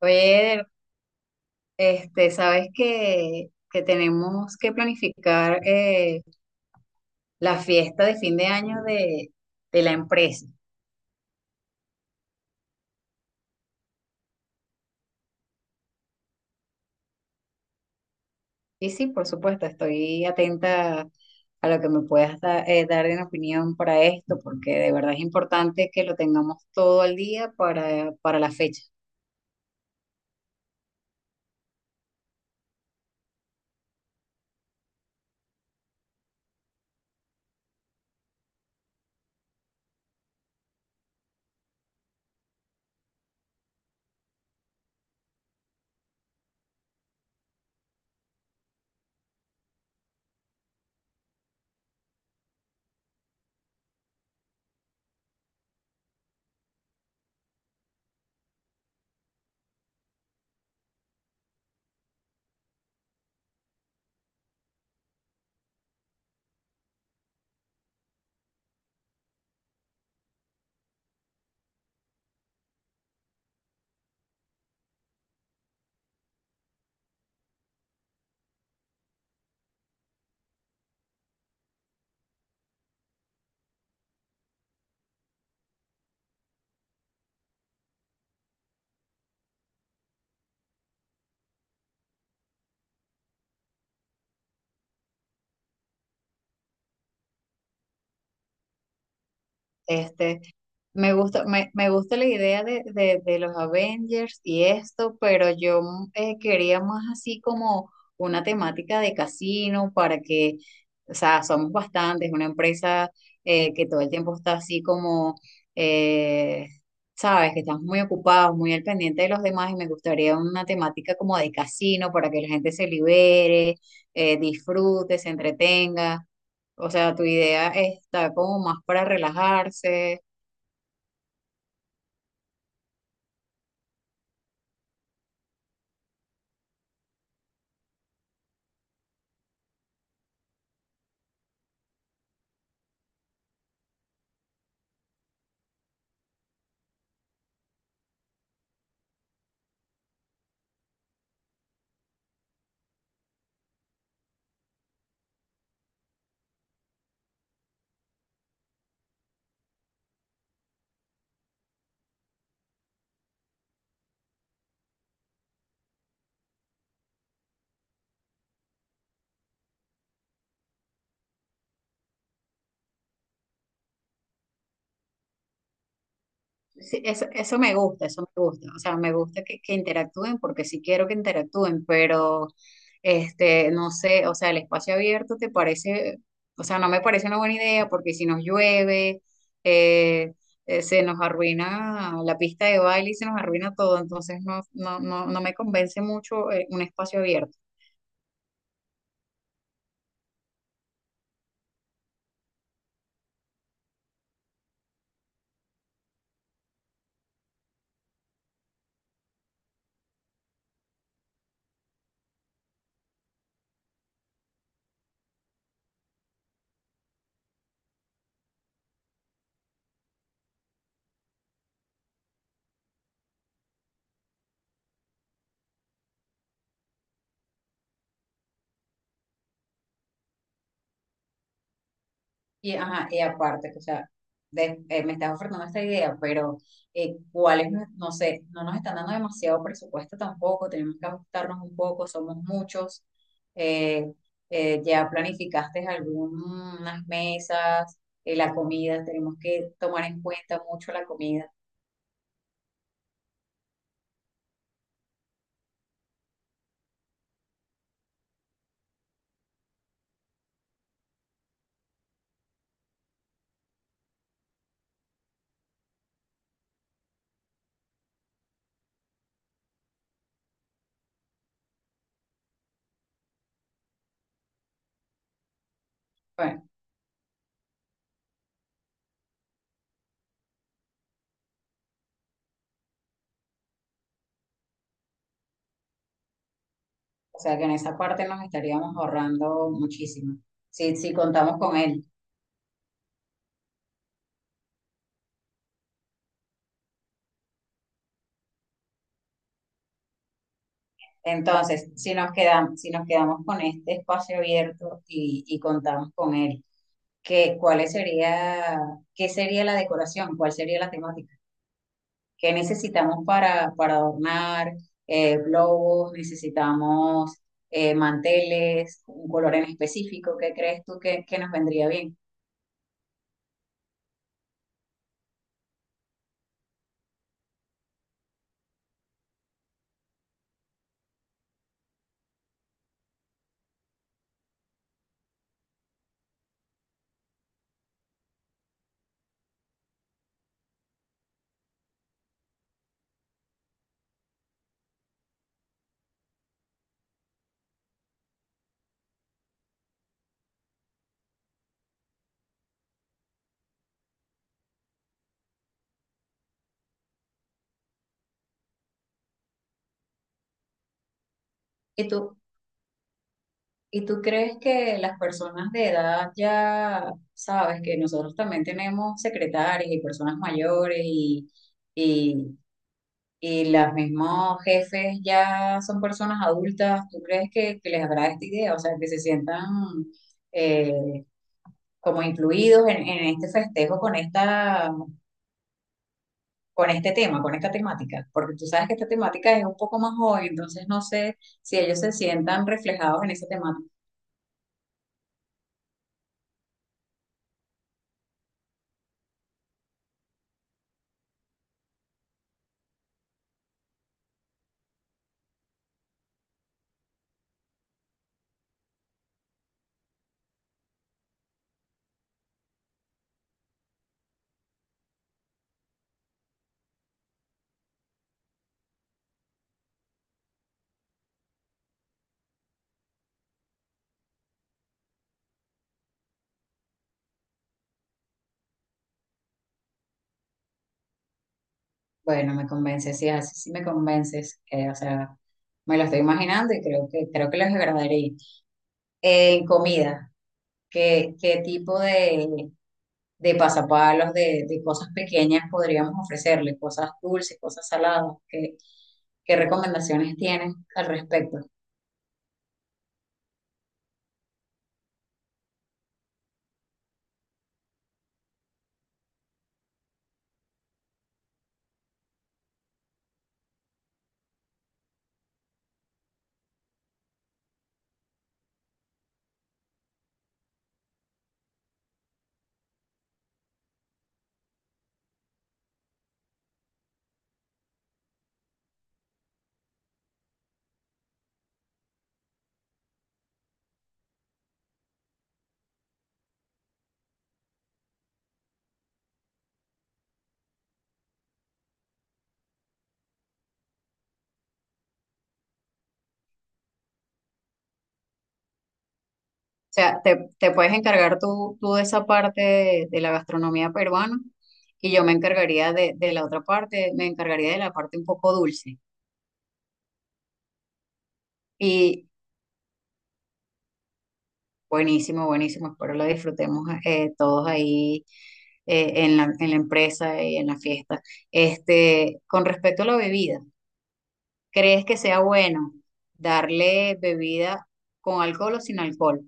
Oye, este, sabes que tenemos que planificar la fiesta de fin de año de la empresa. Y sí, por supuesto, estoy atenta a lo que me puedas dar en opinión para esto, porque de verdad es importante que lo tengamos todo al día para la fecha. Este, me gusta, me gusta la idea de los Avengers y esto, pero yo quería más así como una temática de casino para que, o sea, somos bastantes, una empresa que todo el tiempo está así como, eh, sabes, que estamos muy ocupados, muy al pendiente de los demás y me gustaría una temática como de casino para que la gente se libere, disfrute, se entretenga. O sea, tu idea está como más para relajarse. Sí, eso me gusta, eso me gusta. O sea, me gusta que interactúen porque sí quiero que interactúen, pero este, no sé, o sea, el espacio abierto te parece, o sea, no me parece una buena idea porque si nos llueve, eh, se nos arruina la pista de baile y se nos arruina todo. Entonces, no me convence mucho, un espacio abierto. Y, ajá, y aparte, o sea, me estás ofertando esta idea, pero ¿cuál es? No sé, no nos están dando demasiado presupuesto tampoco, tenemos que ajustarnos un poco, somos muchos. Eh, ¿Ya planificaste algunas mesas, la comida? Tenemos que tomar en cuenta mucho la comida. Bueno, o sea que en esa parte nos estaríamos ahorrando muchísimo, si contamos con él. Entonces, si nos quedamos, si nos quedamos con este espacio abierto y contamos con él, ¿cuál sería, qué sería la decoración? ¿Cuál sería la temática? ¿Qué necesitamos para adornar? Globos, necesitamos manteles, un color en específico. ¿Qué crees tú que nos vendría bien? ¿Y tú, ¿Y tú crees que las personas de edad ya, sabes, que nosotros también tenemos secretarias y personas mayores y y los mismos jefes ya son personas adultas? ¿Tú crees que les agrada esta idea? O sea, que se sientan eh, como incluidos en este festejo con esta, con este tema, con esta temática. Porque tú sabes que esta temática es un poco más joven, entonces no sé si ellos se sientan reflejados en esa temática. Bueno, me convences, sí, así sí me convences. O sea, me lo estoy imaginando de pasapalos, de cosas pequeñas podríamos ofrecerle, cosas dulces, cosas saladas. ¿Qué recomendaciones tienes al respecto? O sea, te puedes encargar tú de esa parte de la gastronomía peruana y yo me encargaría de la otra parte, me encargaría de la parte un poco dulce. Y buenísimo, buenísimo, espero la disfrutemos todos ahí en la empresa y en la fiesta. Este, con respecto a la bebida. ¿Crees que sea bueno darle bebida con alcohol o sin alcohol?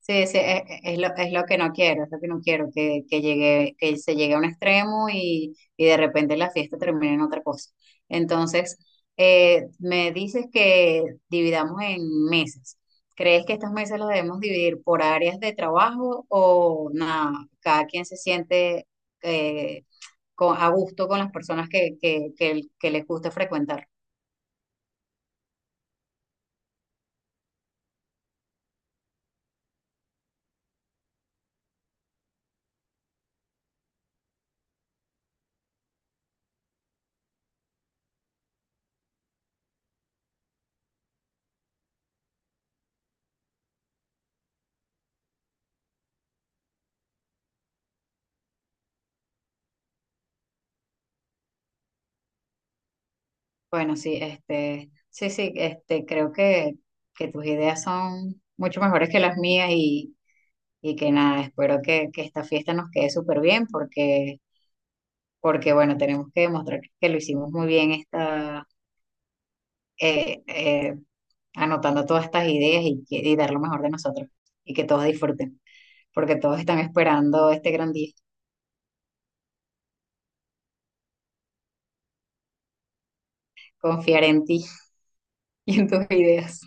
Sí, sí, es lo que no quiero, es lo que no quiero, que llegue, que se llegue a un extremo y de repente la fiesta termine en otra cosa. Entonces, me dices que dividamos en mesas. ¿Crees que estas mesas las debemos dividir por áreas de trabajo o nada, cada quien se siente eh, a gusto con las personas que les gusta frecuentar? Bueno, sí, este, sí, sí, este, creo que tus ideas son mucho mejores que las mías y que nada, espero que esta fiesta nos quede súper bien porque, porque, bueno, tenemos que demostrar que lo hicimos muy bien esta, eh, eh, anotando todas estas ideas y dar lo mejor de nosotros y que todos disfruten, porque todos están esperando este gran día, confiar en ti y en tus ideas.